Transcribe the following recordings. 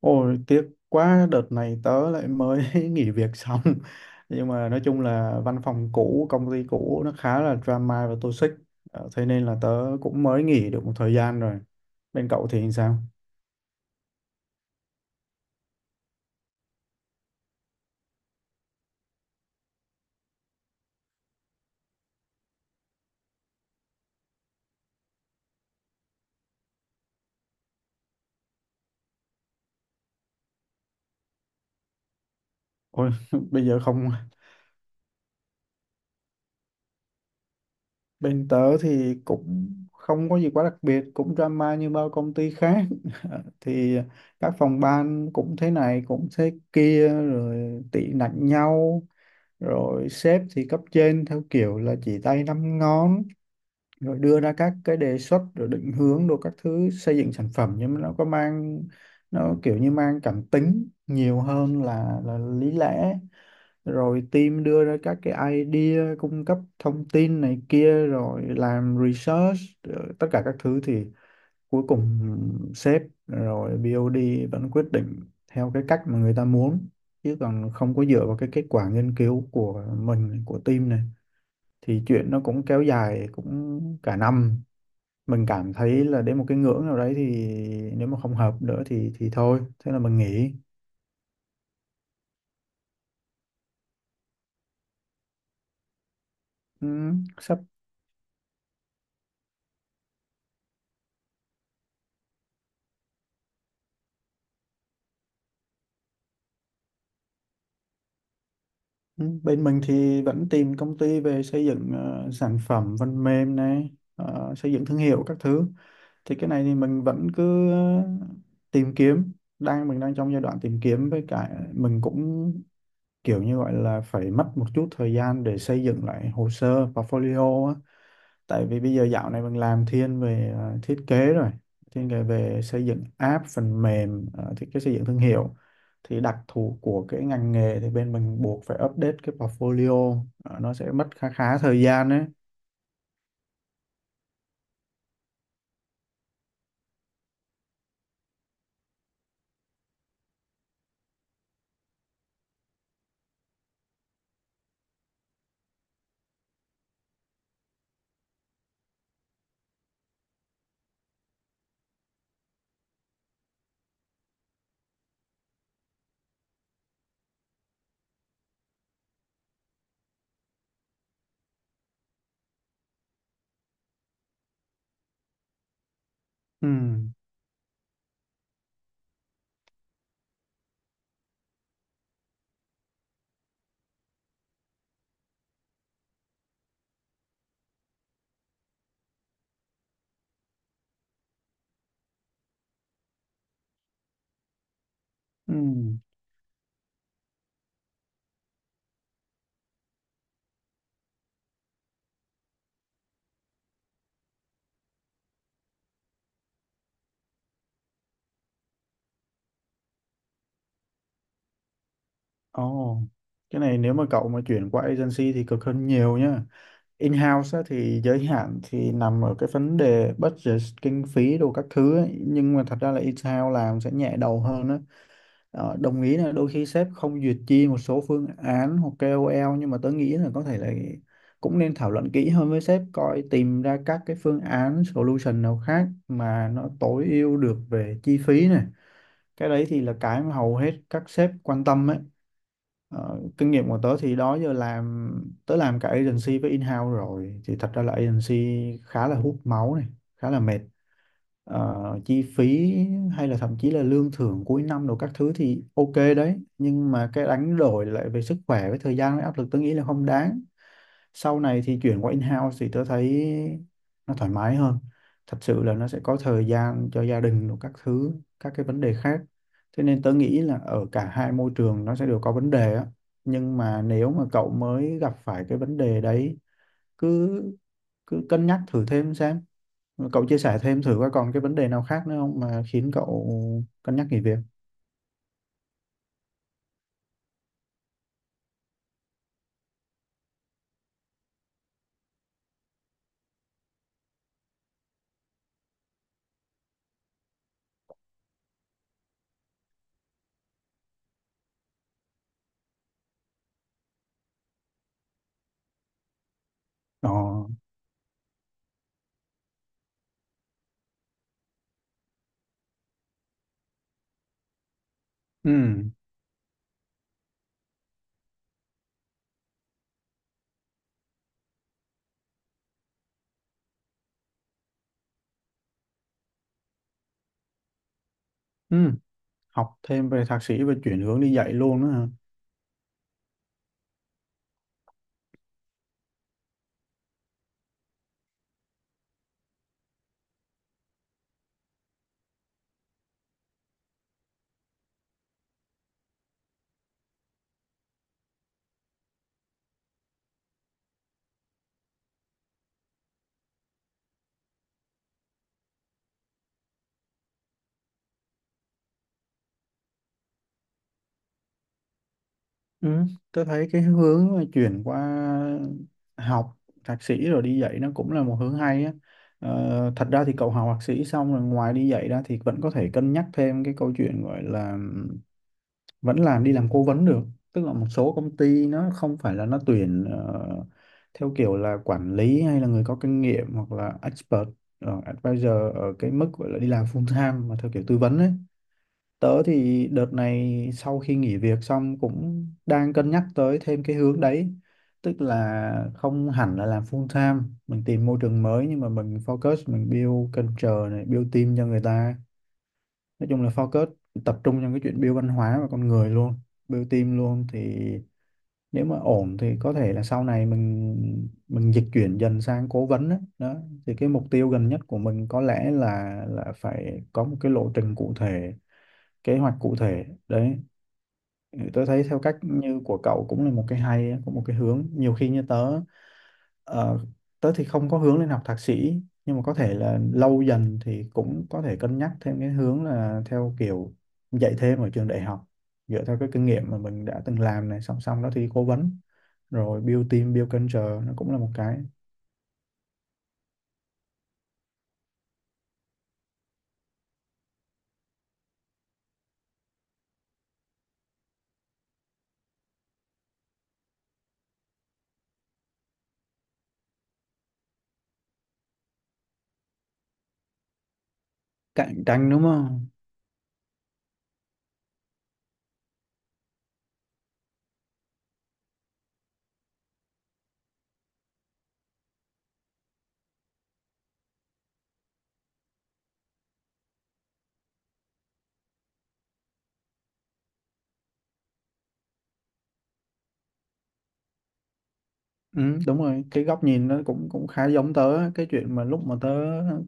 Ôi, tiếc quá, đợt này tớ lại mới nghỉ việc xong, nhưng mà nói chung là văn phòng cũ, công ty cũ nó khá là drama và toxic. Thế nên là tớ cũng mới nghỉ được một thời gian rồi. Bên cậu thì sao? Ôi, bây giờ không... Bên tớ thì cũng không có gì quá đặc biệt, cũng drama như bao công ty khác thì các phòng ban cũng thế này cũng thế kia rồi tị nạnh nhau, rồi sếp, thì cấp trên theo kiểu là chỉ tay năm ngón, rồi đưa ra các cái đề xuất rồi định hướng đồ các thứ, xây dựng sản phẩm, nhưng mà nó có mang... nó kiểu như mang cảm tính nhiều hơn là lý lẽ. Rồi team đưa ra các cái idea, cung cấp thông tin này kia, rồi làm research rồi tất cả các thứ, thì cuối cùng sếp rồi BOD vẫn quyết định theo cái cách mà người ta muốn, chứ còn không có dựa vào cái kết quả nghiên cứu của mình, của team này. Thì chuyện nó cũng kéo dài cũng cả năm, mình cảm thấy là đến một cái ngưỡng nào đấy thì nếu mà không hợp nữa thì thôi, thế là mình nghỉ. Ừ, sắp... ừ, bên mình thì vẫn tìm công ty về xây dựng sản phẩm phần mềm này, xây dựng thương hiệu các thứ. Thì cái này thì mình vẫn cứ tìm kiếm, mình đang trong giai đoạn tìm kiếm, với cả mình cũng kiểu như gọi là phải mất một chút thời gian để xây dựng lại hồ sơ portfolio á. Tại vì bây giờ dạo này mình làm thiên về thiết kế rồi, thiên về về xây dựng app phần mềm, thiết kế xây dựng thương hiệu, thì đặc thù của cái ngành nghề thì bên mình buộc phải update cái portfolio. Ờ, nó sẽ mất khá khá thời gian đấy. Ừ. Ừ. Ồ, cái này nếu mà cậu mà chuyển qua agency thì cực hơn nhiều nhá. In-house á, thì giới hạn thì nằm ở cái vấn đề budget, kinh phí đồ các thứ ấy, nhưng mà thật ra là in-house làm sẽ nhẹ đầu hơn á. Đồng ý là đôi khi sếp không duyệt chi một số phương án hoặc KOL, nhưng mà tớ nghĩ là có thể là cũng nên thảo luận kỹ hơn với sếp coi tìm ra các cái phương án, solution nào khác mà nó tối ưu được về chi phí này. Cái đấy thì là cái mà hầu hết các sếp quan tâm ấy. Kinh nghiệm của tớ thì đó giờ làm... tớ làm cả agency với in-house rồi, thì thật ra là agency khá là hút máu này, khá là mệt. ờ, Chi phí hay là thậm chí là lương thưởng cuối năm đồ các thứ thì ok đấy, nhưng mà cái đánh đổi lại về sức khỏe, với thời gian, với áp lực, tôi nghĩ là không đáng. Sau này thì chuyển qua in-house thì tôi thấy nó thoải mái hơn, thật sự là nó sẽ có thời gian cho gia đình đồ các thứ, các cái vấn đề khác. Thế nên tôi nghĩ là ở cả hai môi trường nó sẽ đều có vấn đề á, nhưng mà nếu mà cậu mới gặp phải cái vấn đề đấy, cứ cứ cân nhắc thử thêm xem. Cậu chia sẻ thêm thử coi còn cái vấn đề nào khác nữa không mà khiến cậu cân nhắc nghỉ việc? Ờ. Ừ. Ừ, học thêm về thạc sĩ và chuyển hướng đi dạy luôn đó hả? Ừ, tôi thấy cái hướng mà chuyển qua học thạc sĩ rồi đi dạy nó cũng là một hướng hay á. Thật ra thì cậu học thạc sĩ xong rồi, ngoài đi dạy ra thì vẫn có thể cân nhắc thêm cái câu chuyện gọi là vẫn làm... đi làm cố vấn được, tức là một số công ty nó không phải là nó tuyển theo kiểu là quản lý hay là người có kinh nghiệm, hoặc là expert, advisor, ở cái mức gọi là đi làm full time mà theo kiểu tư vấn ấy. Tớ thì đợt này sau khi nghỉ việc xong cũng đang cân nhắc tới thêm cái hướng đấy, tức là không hẳn là làm full time mình tìm môi trường mới, nhưng mà mình focus, mình build culture này, build team cho người ta. Nói chung là focus tập trung trong cái chuyện build văn hóa và con người luôn, build team luôn, thì nếu mà ổn thì có thể là sau này mình dịch chuyển dần sang cố vấn đó, đó. Thì cái mục tiêu gần nhất của mình có lẽ là phải có một cái lộ trình cụ thể, kế hoạch cụ thể đấy. Ừ, tôi thấy theo cách như của cậu cũng là một cái hay, cũng một cái hướng. Nhiều khi như tớ, ờ, tớ thì không có hướng lên học thạc sĩ, nhưng mà có thể là lâu dần thì cũng có thể cân nhắc thêm cái hướng là theo kiểu dạy thêm ở trường đại học, dựa theo cái kinh nghiệm mà mình đã từng làm này, song song đó thì cố vấn, rồi build team, build culture, nó cũng là một cái... cạnh tranh đúng không? Ừ, đúng rồi, cái góc nhìn nó cũng cũng khá giống tớ á. Cái chuyện mà lúc mà tớ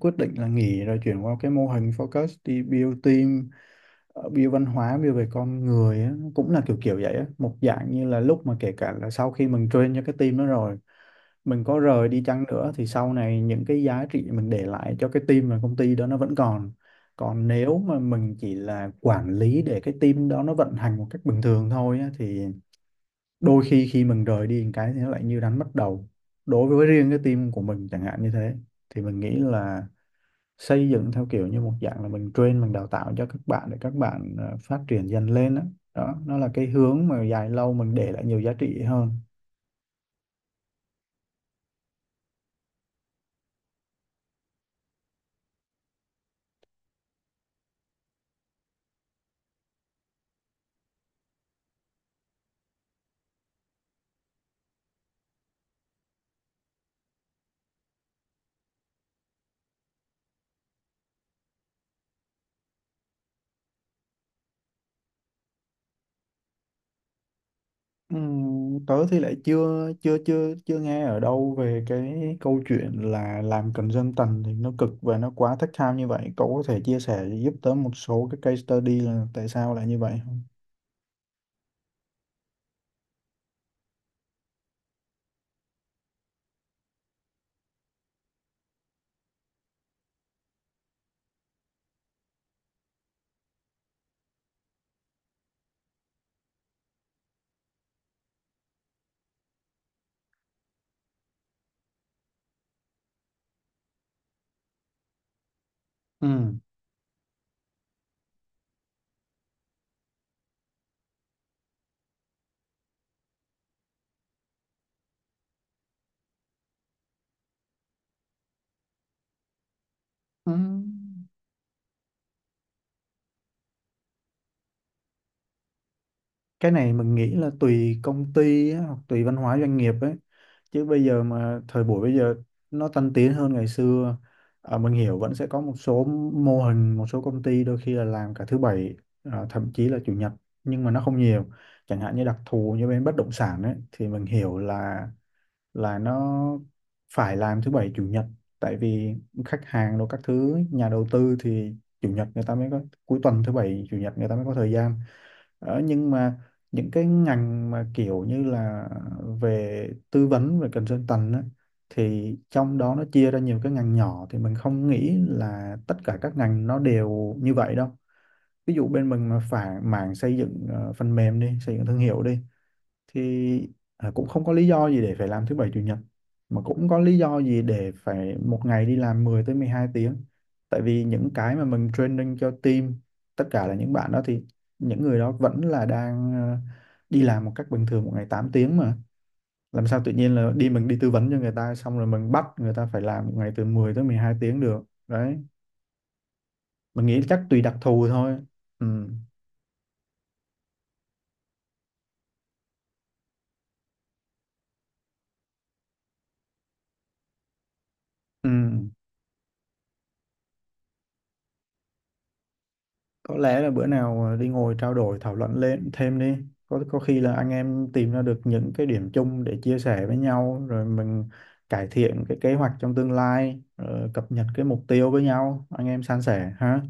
quyết định là nghỉ rồi chuyển qua cái mô hình focus đi build team, view văn hóa, view về con người á, nó cũng là kiểu kiểu vậy á, một dạng như là lúc mà kể cả là sau khi mình train cho cái team đó rồi, mình có rời đi chăng nữa thì sau này những cái giá trị mình để lại cho cái team và công ty đó nó vẫn còn. Còn nếu mà mình chỉ là quản lý để cái team đó nó vận hành một cách bình thường thôi á, thì đôi khi khi mình rời đi một cái thì nó lại như đánh mất đầu đối với riêng cái team của mình chẳng hạn, như thế thì mình nghĩ là xây dựng theo kiểu như một dạng là mình train, mình đào tạo cho các bạn để các bạn phát triển dần lên đó. Đó, nó là cái hướng mà dài lâu mình để lại nhiều giá trị hơn. Tớ thì lại chưa chưa chưa chưa nghe ở đâu về cái câu chuyện là làm consultant thì nó cực và nó quá thất tham như vậy. Cậu có thể chia sẻ giúp tớ một số cái case study là tại sao lại như vậy không? Ừm. Ừm. Cái này mình nghĩ là tùy công ty á, hoặc tùy văn hóa doanh nghiệp ấy, chứ bây giờ mà thời buổi bây giờ nó tân tiến hơn ngày xưa. Mình hiểu vẫn sẽ có một số mô hình, một số công ty đôi khi là làm cả thứ bảy, thậm chí là chủ nhật, nhưng mà nó không nhiều. Chẳng hạn như đặc thù như bên bất động sản ấy thì mình hiểu là nó phải làm thứ bảy chủ nhật, tại vì khách hàng rồi các thứ nhà đầu tư thì chủ nhật người ta mới có cuối tuần, thứ bảy chủ nhật người ta mới có thời gian. Nhưng mà những cái ngành mà kiểu như là về tư vấn, về consultant á, thì trong đó nó chia ra nhiều cái ngành nhỏ, thì mình không nghĩ là tất cả các ngành nó đều như vậy đâu. Ví dụ bên mình mà phải mảng xây dựng phần mềm đi, xây dựng thương hiệu đi, thì cũng không có lý do gì để phải làm thứ bảy chủ nhật, mà cũng có lý do gì để phải một ngày đi làm 10 tới 12 tiếng. Tại vì những cái mà mình training cho team, tất cả là những bạn đó thì, những người đó vẫn là đang đi làm một cách bình thường một ngày 8 tiếng mà, làm sao tự nhiên là đi... mình đi tư vấn cho người ta xong rồi mình bắt người ta phải làm một ngày từ mười tới 12 tiếng được đấy. Mình nghĩ chắc tùy đặc thù thôi. Ừ. Ừ. Có lẽ là bữa nào đi ngồi trao đổi thảo luận lên thêm đi, có khi là anh em tìm ra được những cái điểm chung để chia sẻ với nhau, rồi mình cải thiện cái kế hoạch trong tương lai, rồi cập nhật cái mục tiêu với nhau, anh em san sẻ ha.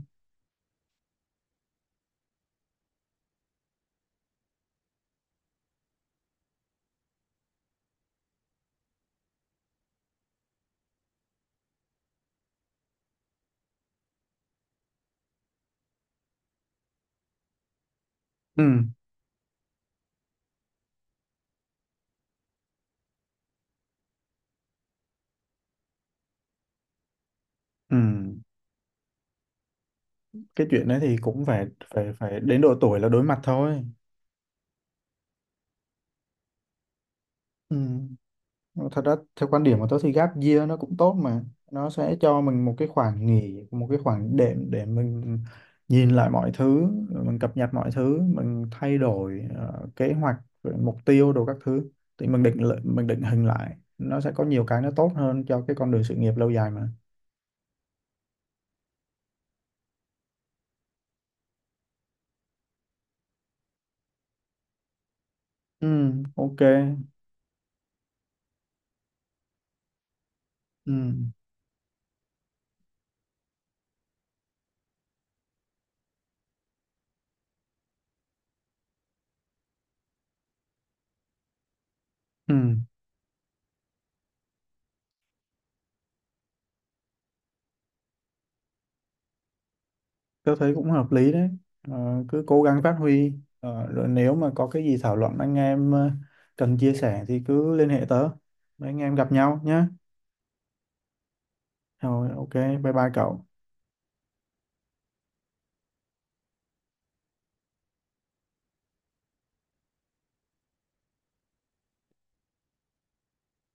Ừ. Ừ. Cái chuyện đấy thì cũng phải... phải đến độ tuổi là đối mặt thôi. Ừ. Nhưng mà thật ra theo quan điểm của tớ thì gap year nó cũng tốt mà, nó sẽ cho mình một cái khoảng nghỉ, một cái khoảng đệm để mình nhìn lại mọi thứ, rồi mình cập nhật mọi thứ, mình thay đổi kế hoạch, rồi mục tiêu đồ các thứ, thì mình mình định hình lại, nó sẽ có nhiều cái nó tốt hơn cho cái con đường sự nghiệp lâu dài mà. Ừ. Ok. Ừ. Ừ. Tớ thấy cũng hợp lý đấy. Ờ, Cứ cố gắng phát huy. Rồi nếu mà có cái gì thảo luận, anh em cần chia sẻ thì cứ liên hệ tớ. Mấy anh em gặp nhau nhé. Rồi, ok, bye bye cậu.